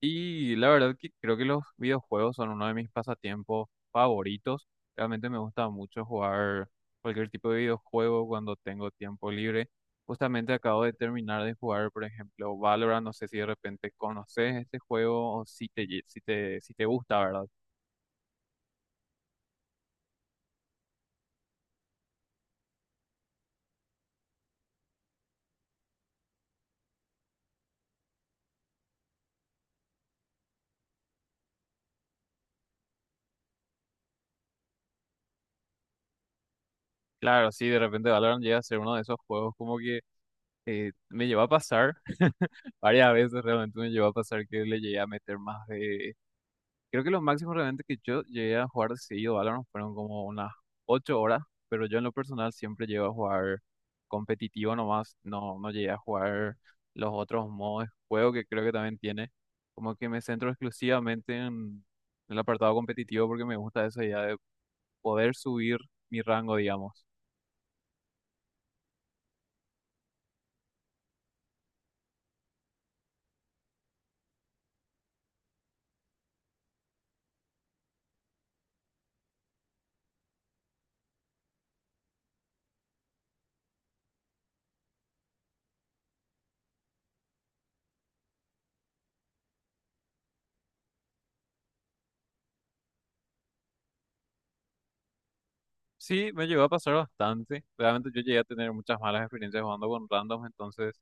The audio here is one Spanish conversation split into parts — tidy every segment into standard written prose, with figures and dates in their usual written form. Y la verdad que creo que los videojuegos son uno de mis pasatiempos favoritos. Realmente me gusta mucho jugar cualquier tipo de videojuego cuando tengo tiempo libre. Justamente acabo de terminar de jugar, por ejemplo, Valorant. No sé si de repente conoces este juego o si te, lle- si te, si te gusta, ¿verdad? Claro, sí, de repente Valorant llega a ser uno de esos juegos como que me llevó a pasar varias veces, realmente me llevó a pasar que le llegué a meter más de. Creo que lo máximo realmente que yo llegué a jugar seguido Valorant fueron como unas 8 horas, pero yo en lo personal siempre llego a jugar competitivo nomás, no, no llegué a jugar los otros modos de juego que creo que también tiene, como que me centro exclusivamente en el apartado competitivo porque me gusta esa idea de poder subir mi rango, digamos. Sí, me llegó a pasar bastante, realmente yo llegué a tener muchas malas experiencias jugando con randoms, entonces...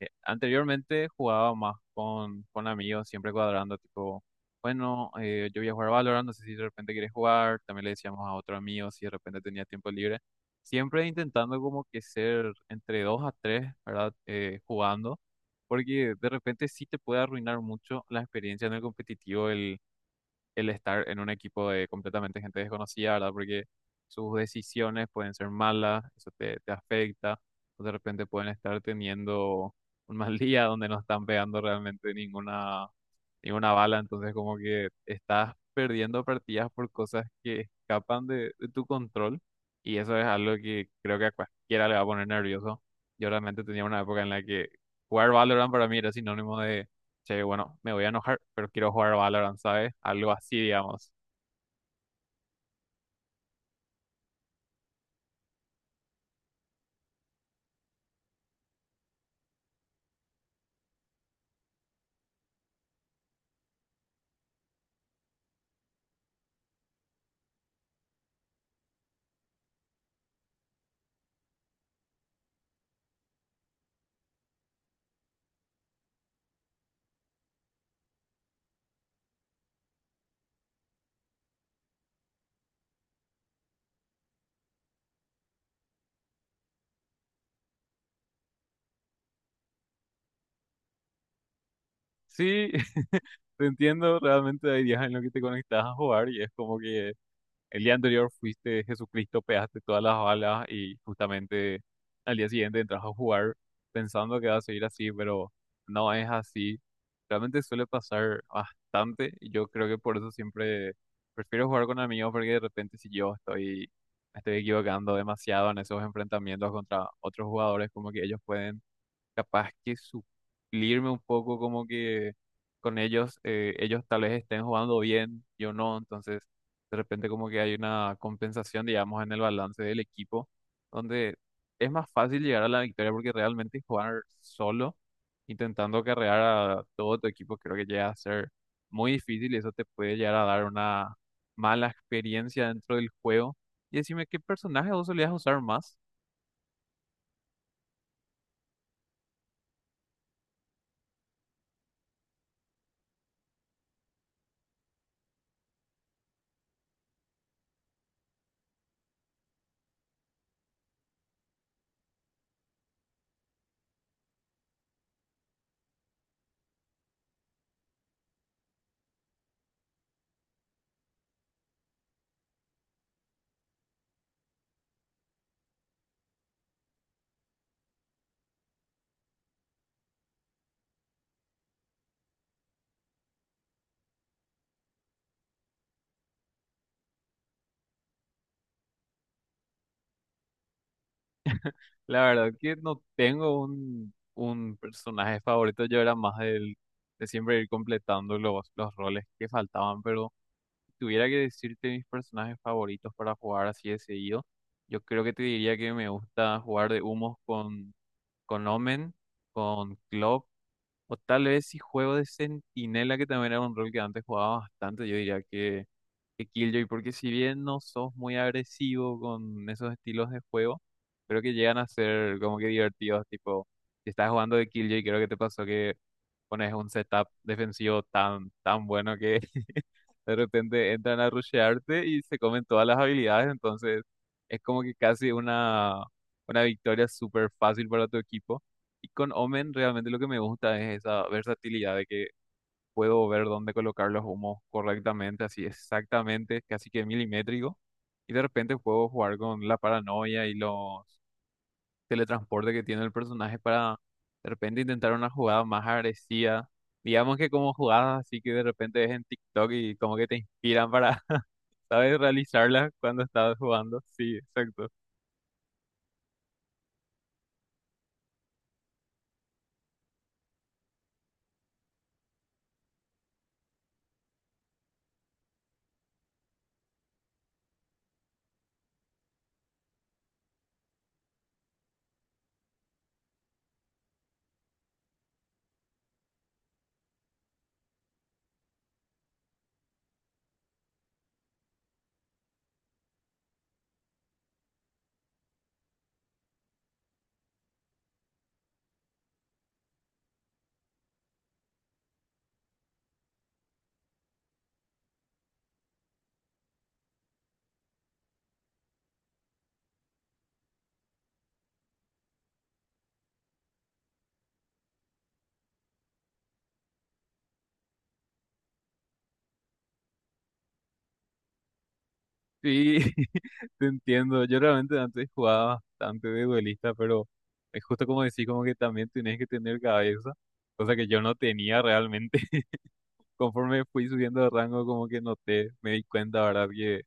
Anteriormente jugaba más con amigos, siempre cuadrando, tipo, bueno, yo voy a jugar Valorant, no sé si de repente quieres jugar, también le decíamos a otro amigo si de repente tenía tiempo libre, siempre intentando como que ser entre dos a tres, ¿verdad? Jugando, porque de repente sí te puede arruinar mucho la experiencia en el competitivo el estar en un equipo de completamente gente desconocida, ¿verdad? Porque sus decisiones pueden ser malas, eso te afecta, o de repente pueden estar teniendo un mal día donde no están pegando realmente ninguna y una bala, entonces como que estás perdiendo partidas por cosas que escapan de tu control y eso es algo que creo que a cualquiera le va a poner nervioso. Yo realmente tenía una época en la que jugar Valorant para mí era sinónimo de, che, bueno, me voy a enojar, pero quiero jugar Valorant, ¿sabes? Algo así, digamos. Sí, te entiendo, realmente hay días en los que te conectas a jugar y es como que el día anterior fuiste Jesucristo, pegaste todas las balas y justamente al día siguiente entras a jugar pensando que va a seguir así, pero no es así. Realmente suele pasar bastante y yo creo que por eso siempre prefiero jugar con amigos porque de repente si yo estoy, me estoy equivocando demasiado en esos enfrentamientos contra otros jugadores, como que ellos pueden capaz que suplirme un poco como que con ellos, ellos tal vez estén jugando bien, yo no, entonces de repente como que hay una compensación, digamos, en el balance del equipo, donde es más fácil llegar a la victoria porque realmente jugar solo, intentando carrear a todo tu equipo, creo que llega a ser muy difícil y eso te puede llegar a dar una mala experiencia dentro del juego. Y decime, ¿qué personaje vos solías usar más? La verdad que no tengo un personaje favorito, yo era más de siempre ir completando los roles que faltaban, pero si tuviera que decirte mis personajes favoritos para jugar así de seguido, yo creo que te diría que me gusta jugar de humos con Omen, con Club o tal vez si juego de centinela, que también era un rol que antes jugaba bastante, yo diría que Killjoy, porque si bien no sos muy agresivo con esos estilos de juego, creo que llegan a ser como que divertidos, tipo, si estás jugando de Killjoy, creo que te pasó que pones un setup defensivo tan, tan bueno que de repente entran a rushearte y se comen todas las habilidades, entonces es como que casi una victoria súper fácil para tu equipo. Y con Omen realmente lo que me gusta es esa versatilidad de que puedo ver dónde colocar los humos correctamente, así exactamente, casi que milimétrico. Y de repente puedo jugar con la paranoia y los teletransportes que tiene el personaje para de repente intentar una jugada más agresiva. Digamos que como jugadas así que de repente ves en TikTok y como que te inspiran para, ¿sabes? Realizarlas cuando estás jugando. Sí, exacto. Sí, te entiendo. Yo realmente antes jugaba bastante de duelista, pero es justo como decís, como que también tenés que tener cabeza, cosa que yo no tenía realmente. Conforme fui subiendo de rango, como que noté, me di cuenta, ¿verdad? Que,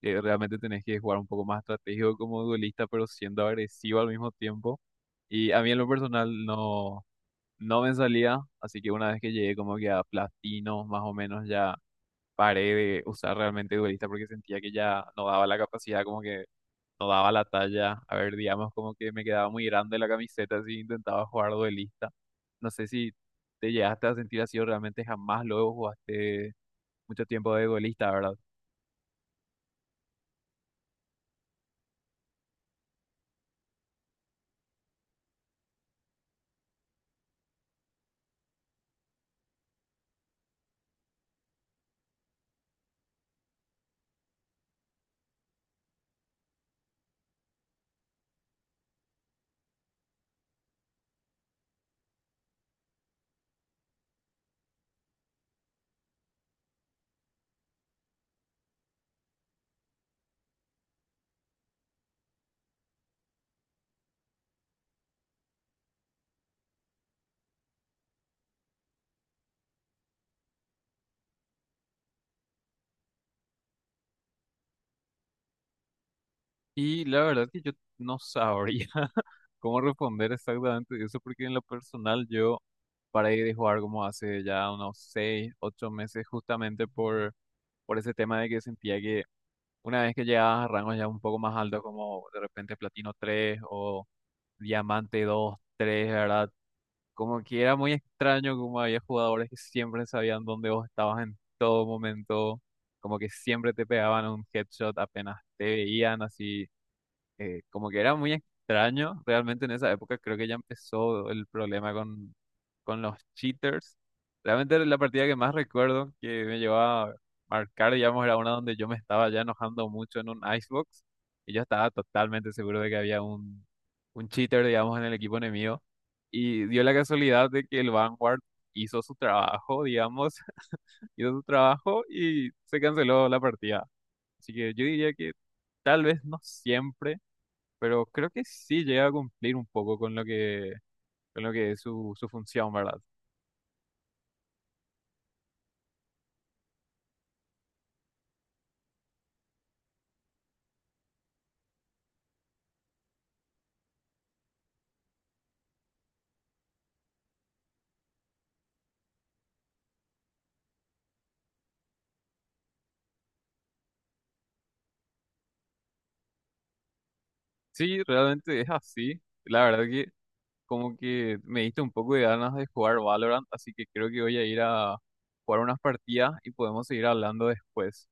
que realmente tenés que jugar un poco más estratégico como duelista, pero siendo agresivo al mismo tiempo. Y a mí en lo personal no, no me salía, así que una vez que llegué como que a platino, más o menos ya paré de usar realmente duelista porque sentía que ya no daba la capacidad como que no daba la talla. A ver, digamos como que me quedaba muy grande la camiseta si intentaba jugar duelista. No sé si te llegaste a sentir así o realmente jamás luego jugaste mucho tiempo de duelista, ¿verdad? Y la verdad es que yo no sabría cómo responder exactamente eso porque en lo personal yo paré de jugar como hace ya unos 6 8 meses justamente por ese tema de que sentía que una vez que llegabas a rangos ya un poco más altos, como de repente platino 3 o diamante 2, 3, ¿verdad? Como que era muy extraño como había jugadores que siempre sabían dónde vos estabas en todo momento, como que siempre te pegaban un headshot apenas te veían, así como que era muy extraño, realmente en esa época creo que ya empezó el problema con los cheaters. Realmente la partida que más recuerdo que me llevó a marcar, digamos, era una donde yo me estaba ya enojando mucho en un Icebox y yo estaba totalmente seguro de que había un cheater, digamos, en el equipo enemigo. Y dio la casualidad de que el Vanguard hizo su trabajo, digamos, hizo su trabajo y se canceló la partida. Así que yo diría que tal vez no siempre, pero creo que sí llega a cumplir un poco con lo que es su función, ¿verdad? Sí, realmente es así. La verdad que como que me diste un poco de ganas de jugar Valorant, así que creo que voy a ir a jugar unas partidas y podemos seguir hablando después.